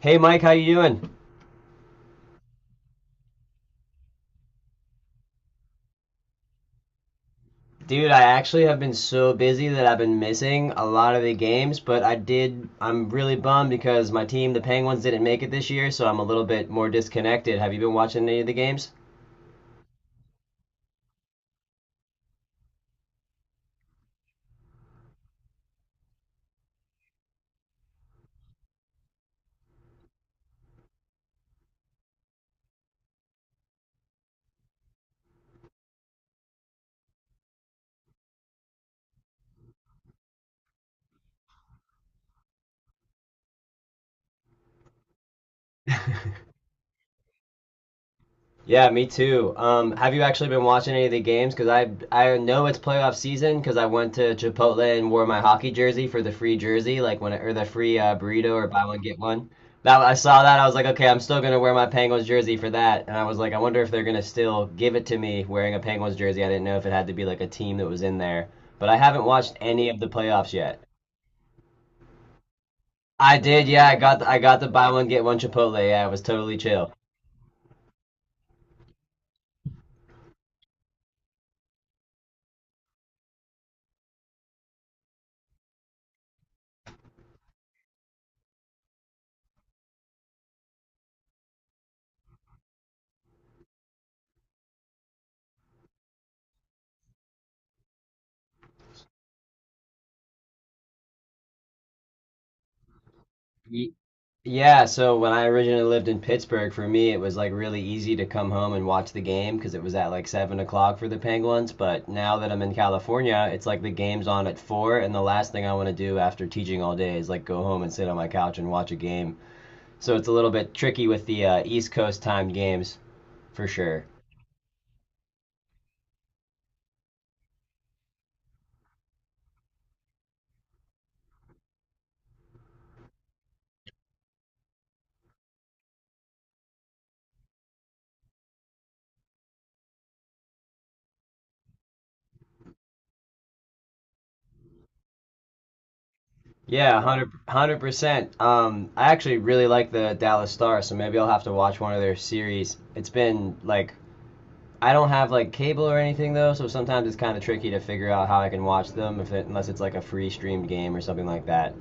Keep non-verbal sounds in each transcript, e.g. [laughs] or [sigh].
Hey Mike, how you doing? Dude, I actually have been so busy that I've been missing a lot of the games, but I'm really bummed because my team, the Penguins, didn't make it this year, so I'm a little bit more disconnected. Have you been watching any of the games? Yeah, me too. Have you actually been watching any of the games? Because I know it's playoff season because I went to Chipotle and wore my hockey jersey for the free jersey, like when it, or the free burrito or buy one get one. That I saw that I was like, okay, I'm still gonna wear my Penguins jersey for that, and I was like, I wonder if they're gonna still give it to me wearing a Penguins jersey. I didn't know if it had to be like a team that was in there, but I haven't watched any of the playoffs yet. I did, yeah, I got the buy one get one Chipotle. Yeah, it was totally chill. Yeah, so when I originally lived in Pittsburgh, for me it was like really easy to come home and watch the game because it was at like 7 o'clock for the Penguins. But now that I'm in California, it's like the game's on at four, and the last thing I want to do after teaching all day is like go home and sit on my couch and watch a game. So it's a little bit tricky with the East Coast timed games for sure. Yeah, 100%. I actually really like the Dallas Stars, so maybe I'll have to watch one of their series. It's been like I don't have like cable or anything though, so sometimes it's kind of tricky to figure out how I can watch them if it, unless it's like a free streamed game or something like that.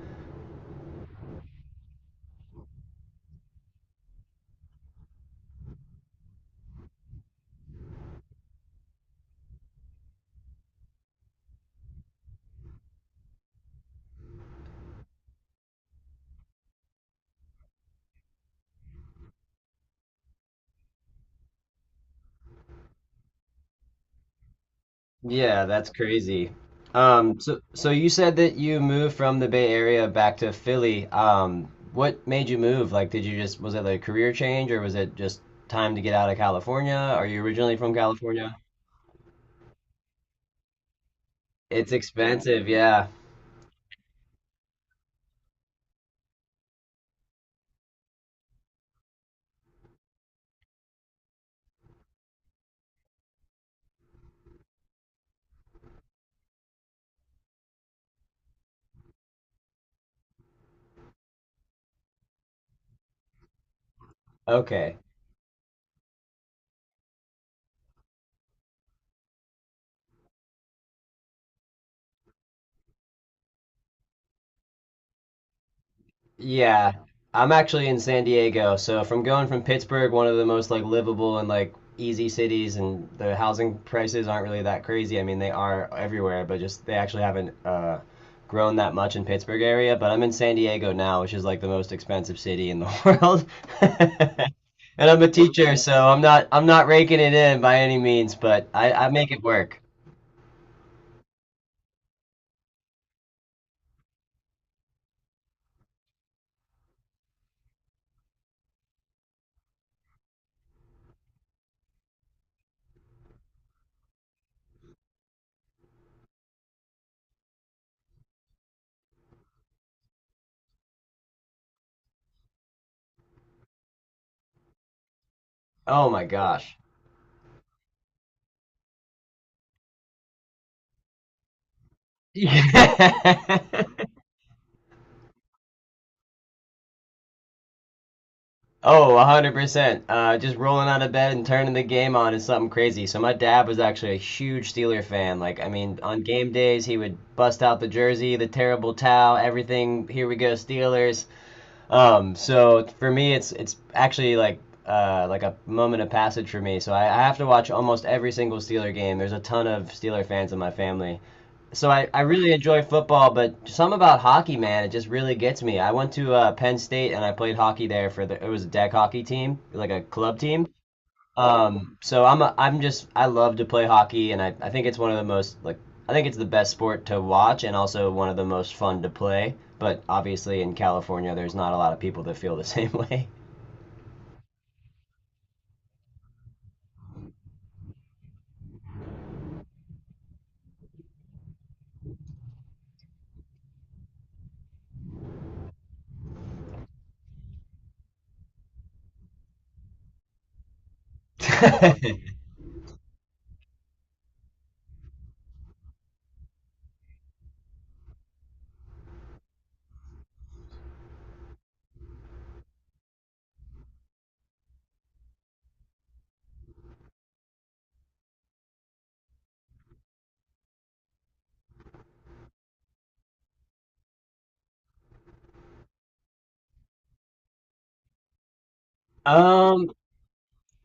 Yeah, that's crazy. So you said that you moved from the Bay Area back to Philly. What made you move? Like, did you just was it like a career change or was it just time to get out of California? Are you originally from California? It's expensive, yeah. Okay. Yeah, I'm actually in San Diego, so from going from Pittsburgh, one of the most like livable and like easy cities, and the housing prices aren't really that crazy. I mean, they are everywhere, but just they actually haven't grown that much in Pittsburgh area. But I'm in San Diego now, which is like the most expensive city in the [laughs] world. [laughs] And I'm a teacher, so I'm not raking it in by any means, but I make it work. Oh my gosh. [laughs] Yeah. Oh, 100%. Just rolling out of bed and turning the game on is something crazy. So my dad was actually a huge Steeler fan. Like, I mean, on game days, he would bust out the jersey, the terrible towel, everything. Here we go, Steelers. So for me, it's actually like a moment of passage for me. So I have to watch almost every single Steeler game. There's a ton of Steeler fans in my family, so I really enjoy football, but some about hockey, man, it just really gets me. I went to Penn State and I played hockey there for the it was a deck hockey team, like a club team. So I'm a, I love to play hockey, and I think it's one of the most like I think it's the best sport to watch and also one of the most fun to play. But obviously in California, there's not a lot of people that feel the same way. [laughs] Um,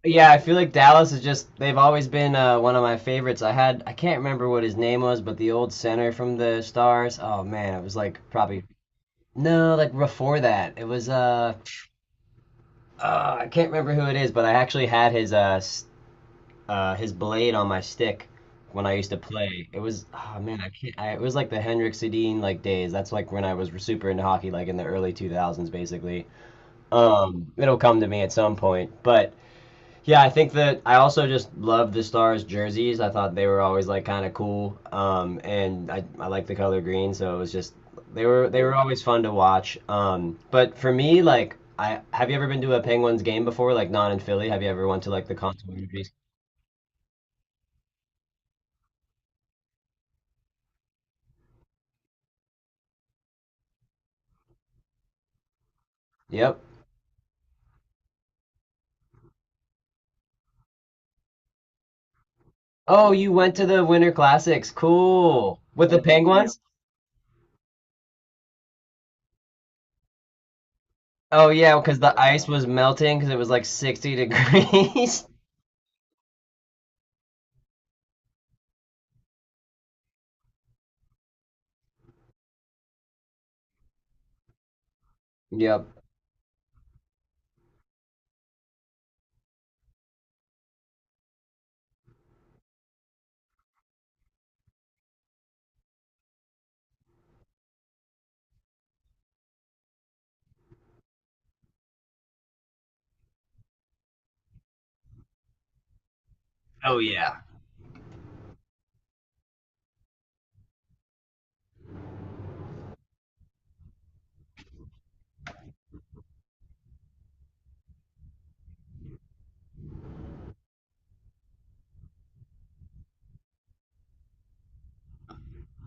Yeah, I feel like Dallas is just they've always been, one of my favorites. I can't remember what his name was, but the old center from the Stars. Oh man, it was like probably no, like before that. It was I can't remember who it is, but I actually had his his blade on my stick when I used to play. It was oh man, I can't I, it was like the Henrik Sedin like days. That's like when I was super into hockey like in the early 2000s basically. It'll come to me at some point, but yeah, I think that I also just love the Stars jerseys. I thought they were always like kind of cool, and I like the color green, so it was just they were always fun to watch. But for me, like I have you ever been to a Penguins game before, like not in Philly? Have you ever went to like the Continental? Yep. Oh, you went to the Winter Classics. Cool. With the Penguins? Oh yeah, because the ice was melting because it was like 60 degrees. [laughs] Yep. Oh yeah.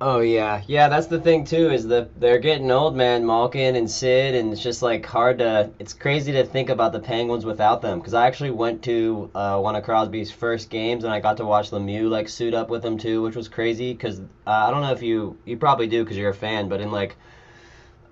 Oh yeah, yeah. That's the thing too is that they're getting old, man. Malkin and Sid, and it's just like hard to. It's crazy to think about the Penguins without them. Because I actually went to one of Crosby's first games, and I got to watch Lemieux like suit up with him too, which was crazy. Because I don't know if you you probably do because you're a fan, but in like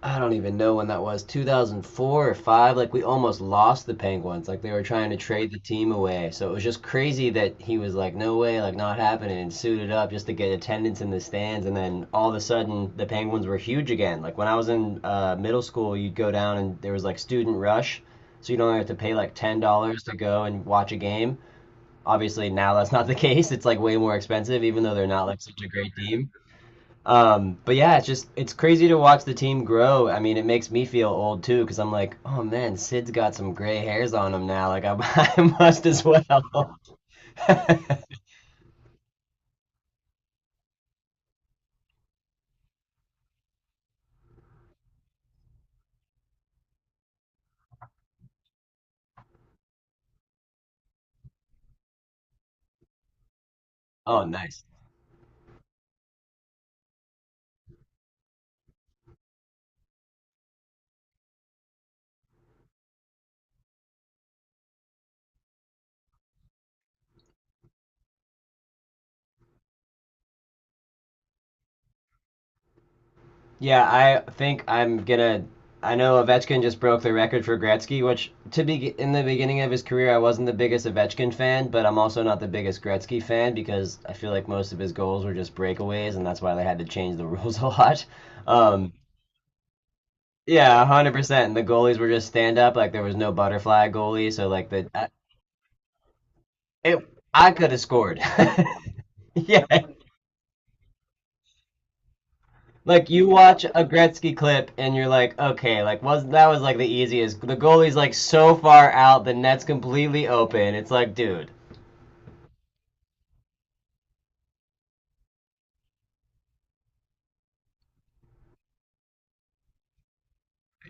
I don't even know when that was, 2004 or 5, like we almost lost the Penguins. Like they were trying to trade the team away. So it was just crazy that he was like, no way, like not happening, and suited up just to get attendance in the stands. And then all of a sudden, the Penguins were huge again. Like when I was in middle school, you'd go down and there was like student rush. So you don't have to pay like $10 to go and watch a game. Obviously, now that's not the [laughs] case. It's like way more expensive, even though they're not like such a great team. But yeah, it's just it's crazy to watch the team grow. I mean, it makes me feel old too because I'm like, oh man, Sid's got some gray hairs on him now. [laughs] I must as well. [laughs] Oh, nice. Yeah, I think I'm gonna. I know Ovechkin just broke the record for Gretzky, which to be in the beginning of his career, I wasn't the biggest Ovechkin fan, but I'm also not the biggest Gretzky fan because I feel like most of his goals were just breakaways, and that's why they had to change the rules [laughs] a lot. Um, Yeah, 100%. And the goalies were just stand up. Like there was no butterfly goalie. So it, I could have scored. [laughs] Yeah. Like you watch a Gretzky clip and you're like, okay, like was that was like the easiest. The goalie's like so far out, the net's completely open. It's like, dude,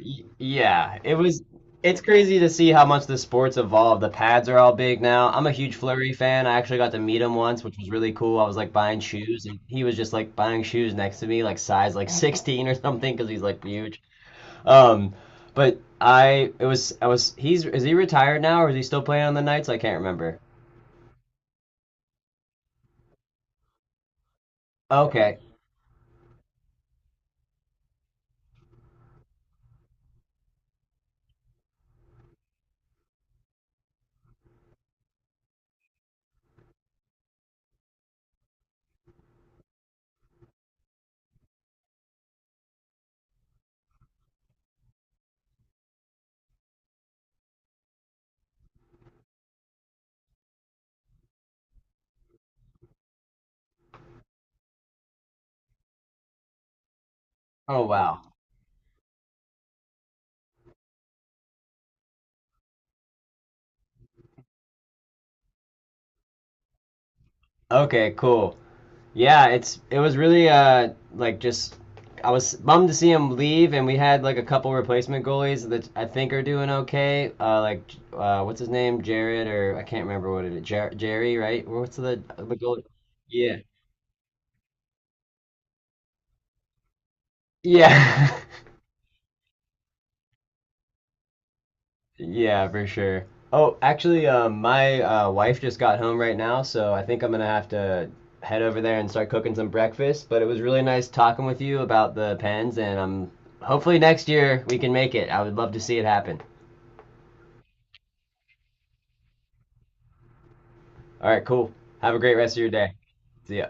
Y- yeah, it was. It's crazy to see how much the sport's evolved. The pads are all big now. I'm a huge flurry fan. I actually got to meet him once, which was really cool. I was like buying shoes, and he was just like buying shoes next to me, like size like 16 or something, because he's like huge. Um, but I it was I was he's is he retired now or is he still playing on the nights? I can't remember. Okay. Oh wow. Okay, cool. Yeah, it's it was really like just I was bummed to see him leave, and we had like a couple replacement goalies that I think are doing okay. What's his name, Jared, or I can't remember what it is, Jer- Jerry, right? What's the goalie? Yeah, yeah. [laughs] Yeah, for sure. Oh, actually, my wife just got home right now, so I think I'm gonna have to head over there and start cooking some breakfast. But it was really nice talking with you about the pens, and hopefully next year we can make it. I would love to see it happen. All right, cool. Have a great rest of your day. See ya.